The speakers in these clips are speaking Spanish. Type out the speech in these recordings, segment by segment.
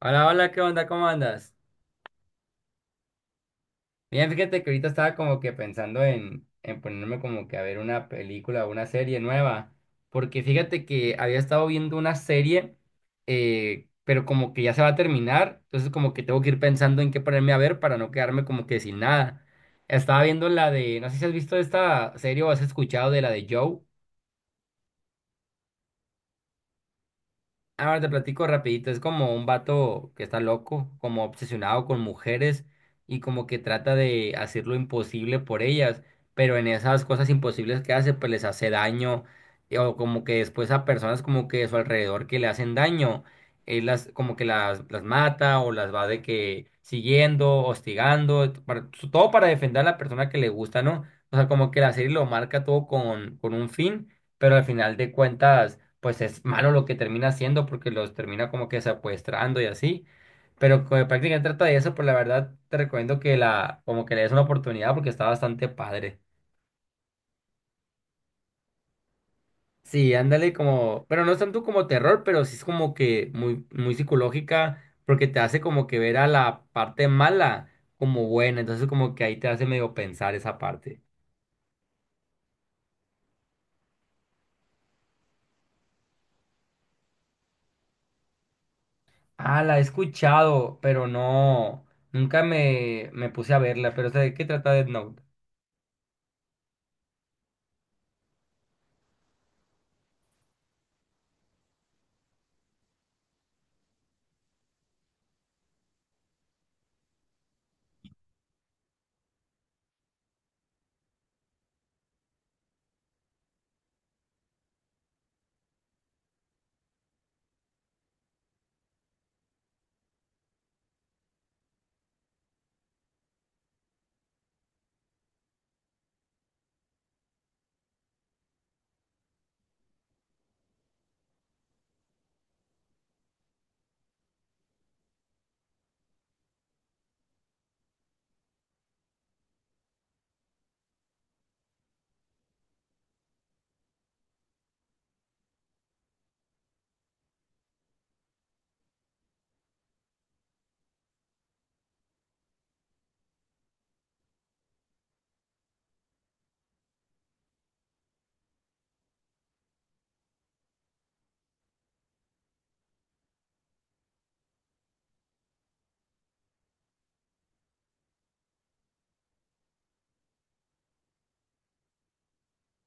Hola, hola, ¿qué onda? ¿Cómo andas? Bien, fíjate que ahorita estaba como que pensando en ponerme como que a ver una película o una serie nueva, porque fíjate que había estado viendo una serie, pero como que ya se va a terminar, entonces como que tengo que ir pensando en qué ponerme a ver para no quedarme como que sin nada. Estaba viendo la de, no sé si has visto esta serie o has escuchado de la de Joe. Ahora te platico rapidito, es como un vato que está loco, como obsesionado con mujeres y como que trata de hacer lo imposible por ellas, pero en esas cosas imposibles que hace, pues les hace daño, o como que después a personas como que de su alrededor que le hacen daño, él las como que las mata o las va de que siguiendo, hostigando, todo para defender a la persona que le gusta, ¿no? O sea, como que la serie lo marca todo con un fin, pero al final de cuentas pues es malo lo que termina haciendo porque los termina como que secuestrando y así. Pero como prácticamente trata de eso, pues la verdad te recomiendo que la, como que le des una oportunidad porque está bastante padre. Sí, ándale como, pero no es tanto como terror, pero sí es como que muy, muy psicológica porque te hace como que ver a la parte mala como buena, entonces como que ahí te hace medio pensar esa parte. Ah, la he escuchado, pero no, nunca me puse a verla, pero sé de qué trata Death Note.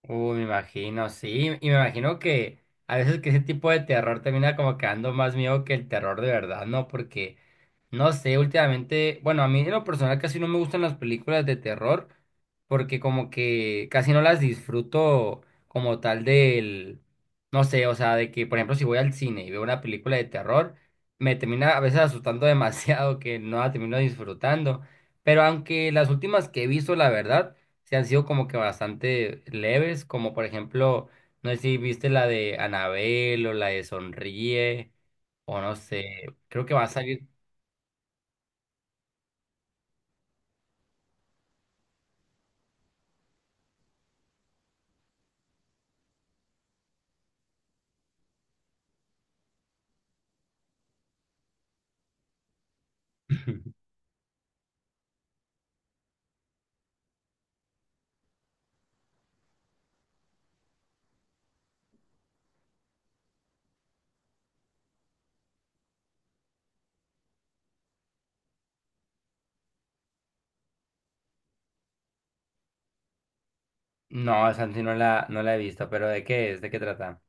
Uy, me imagino, sí, y me imagino que a veces que ese tipo de terror termina como quedando más miedo que el terror de verdad, ¿no? Porque no sé, últimamente, bueno, a mí en lo personal casi no me gustan las películas de terror porque como que casi no las disfruto como tal del, no sé, o sea, de que por ejemplo si voy al cine y veo una película de terror, me termina a veces asustando demasiado que no la termino disfrutando. Pero aunque las últimas que he visto, la verdad, se han sido como que bastante leves, como por ejemplo, no sé si viste la de Anabel o la de Sonríe o no sé, creo que va a salir... No, Santi, no la, no la he visto, pero ¿de qué es? ¿De qué trata?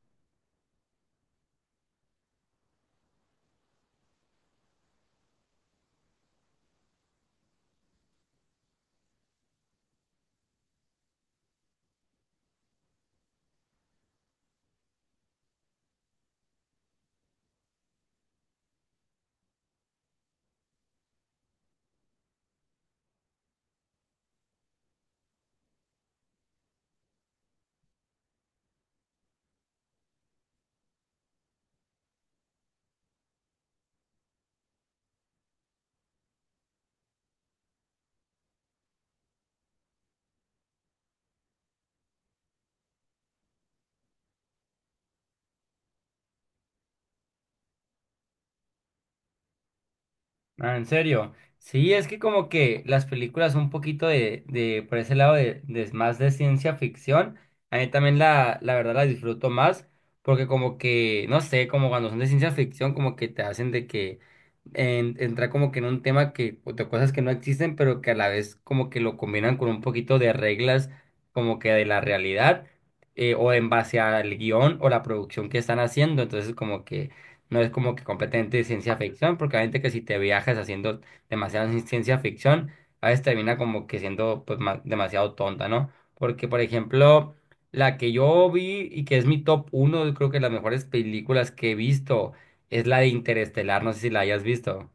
Ah, ¿en serio? Sí, es que como que las películas son un poquito de por ese lado de más de ciencia ficción, a mí también la verdad la disfruto más, porque como que, no sé, como cuando son de ciencia ficción, como que te hacen de que entrar como que en un tema que, o de cosas que no existen, pero que a la vez como que lo combinan con un poquito de reglas como que de la realidad, o en base al guión o la producción que están haciendo, entonces como que... No es como que completamente ciencia ficción, porque obviamente que si te viajas haciendo demasiada ciencia ficción, a veces termina como que siendo pues demasiado tonta, ¿no? Porque, por ejemplo, la que yo vi y que es mi top uno, creo que las mejores películas que he visto, es la de Interestelar, no sé si la hayas visto.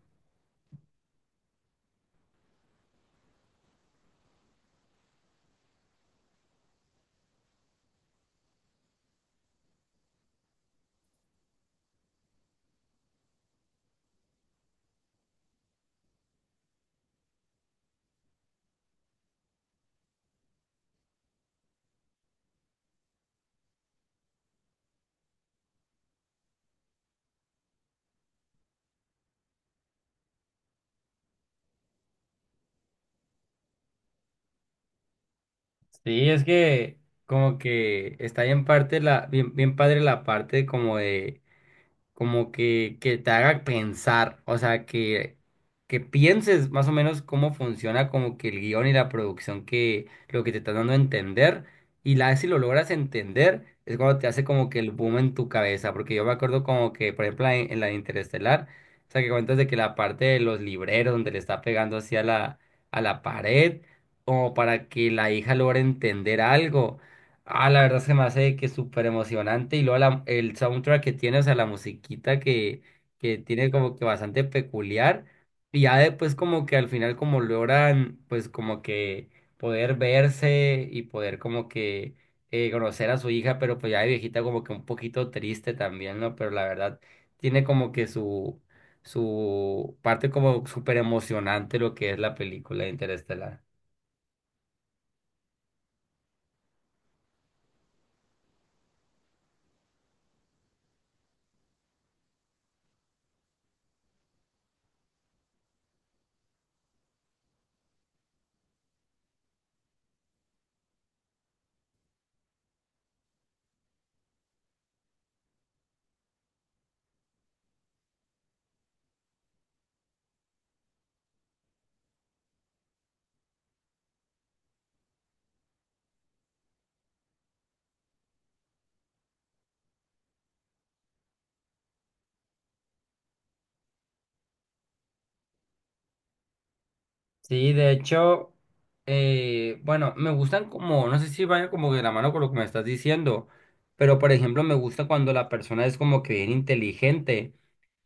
Sí, es que como que está bien parte la, bien, bien padre la parte como de como que te haga pensar, o sea, que pienses más o menos cómo funciona como que el guión y la producción que lo que te están dando a entender, y la vez si lo logras entender, es cuando te hace como que el boom en tu cabeza, porque yo me acuerdo como que, por ejemplo, en la de Interestelar, o sea, que cuentas de que la parte de los libreros donde le está pegando así a a la pared, como para que la hija logre entender algo. Ah, la verdad se me hace que es súper emocionante y luego el soundtrack que tiene, o sea, la musiquita que tiene como que bastante peculiar y ya después como que al final como logran pues como que poder verse y poder como que conocer a su hija, pero pues ya de viejita como que un poquito triste también, ¿no? Pero la verdad tiene como que su parte como súper emocionante lo que es la película de Interestelar. Sí, de hecho, bueno, me gustan como, no sé si vayan como de la mano con lo que me estás diciendo, pero por ejemplo, me gusta cuando la persona es como que bien inteligente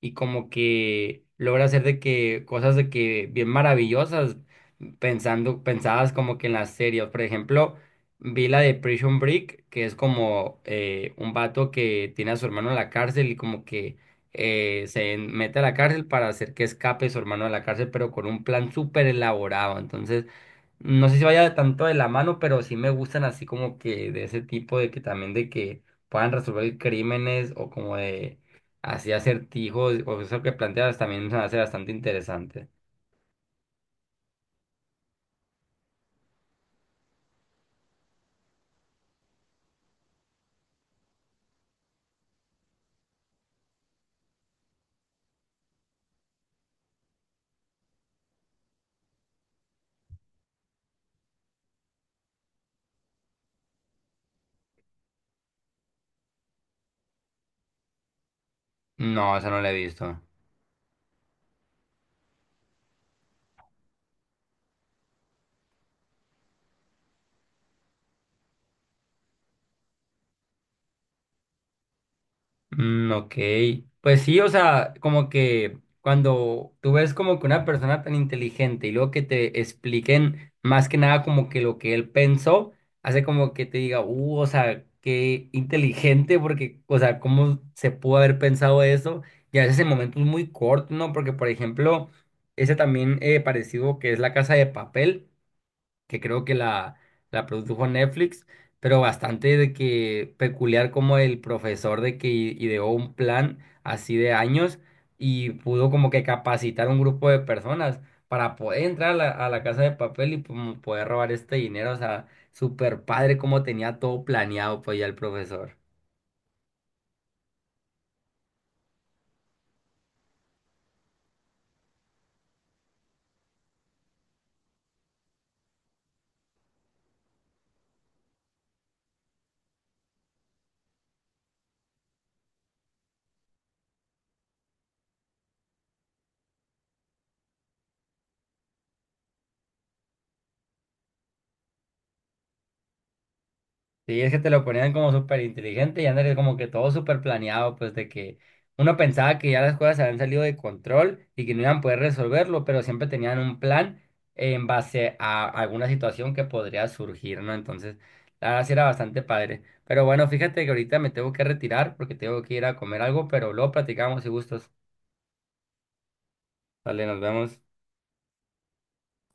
y como que logra hacer de que cosas de que bien maravillosas, pensando, pensadas como que en las series. Por ejemplo, vi la de Prison Break, que es como un vato que tiene a su hermano en la cárcel y como que se mete a la cárcel para hacer que escape su hermano de la cárcel, pero con un plan súper elaborado. Entonces, no sé si vaya tanto de la mano, pero sí me gustan así como que de ese tipo de que también de que puedan resolver crímenes o como de así acertijos o eso que planteas también se me hace bastante interesante. No, eso no lo he visto. Mm, ok, pues sí, o sea, como que cuando tú ves como que una persona tan inteligente y luego que te expliquen más que nada como que lo que él pensó, hace como que te diga, o sea, qué inteligente, porque, o sea, cómo se pudo haber pensado eso, y a veces en momentos muy cortos, ¿no? Porque, por ejemplo, ese también parecido que es La Casa de Papel que creo que la produjo Netflix, pero bastante de que peculiar como el profesor de que ideó un plan así de años y pudo como que capacitar un grupo de personas para poder entrar a a la Casa de Papel y como poder robar este dinero, o sea, super padre como tenía todo planeado pues ya el profesor. Sí, es que te lo ponían como súper inteligente y andarías como que todo súper planeado, pues de que uno pensaba que ya las cosas se habían salido de control y que no iban a poder resolverlo, pero siempre tenían un plan en base a alguna situación que podría surgir, ¿no? Entonces, la verdad sí era bastante padre. Pero bueno, fíjate que ahorita me tengo que retirar porque tengo que ir a comer algo, pero luego platicamos y gustos. Vale, nos vemos.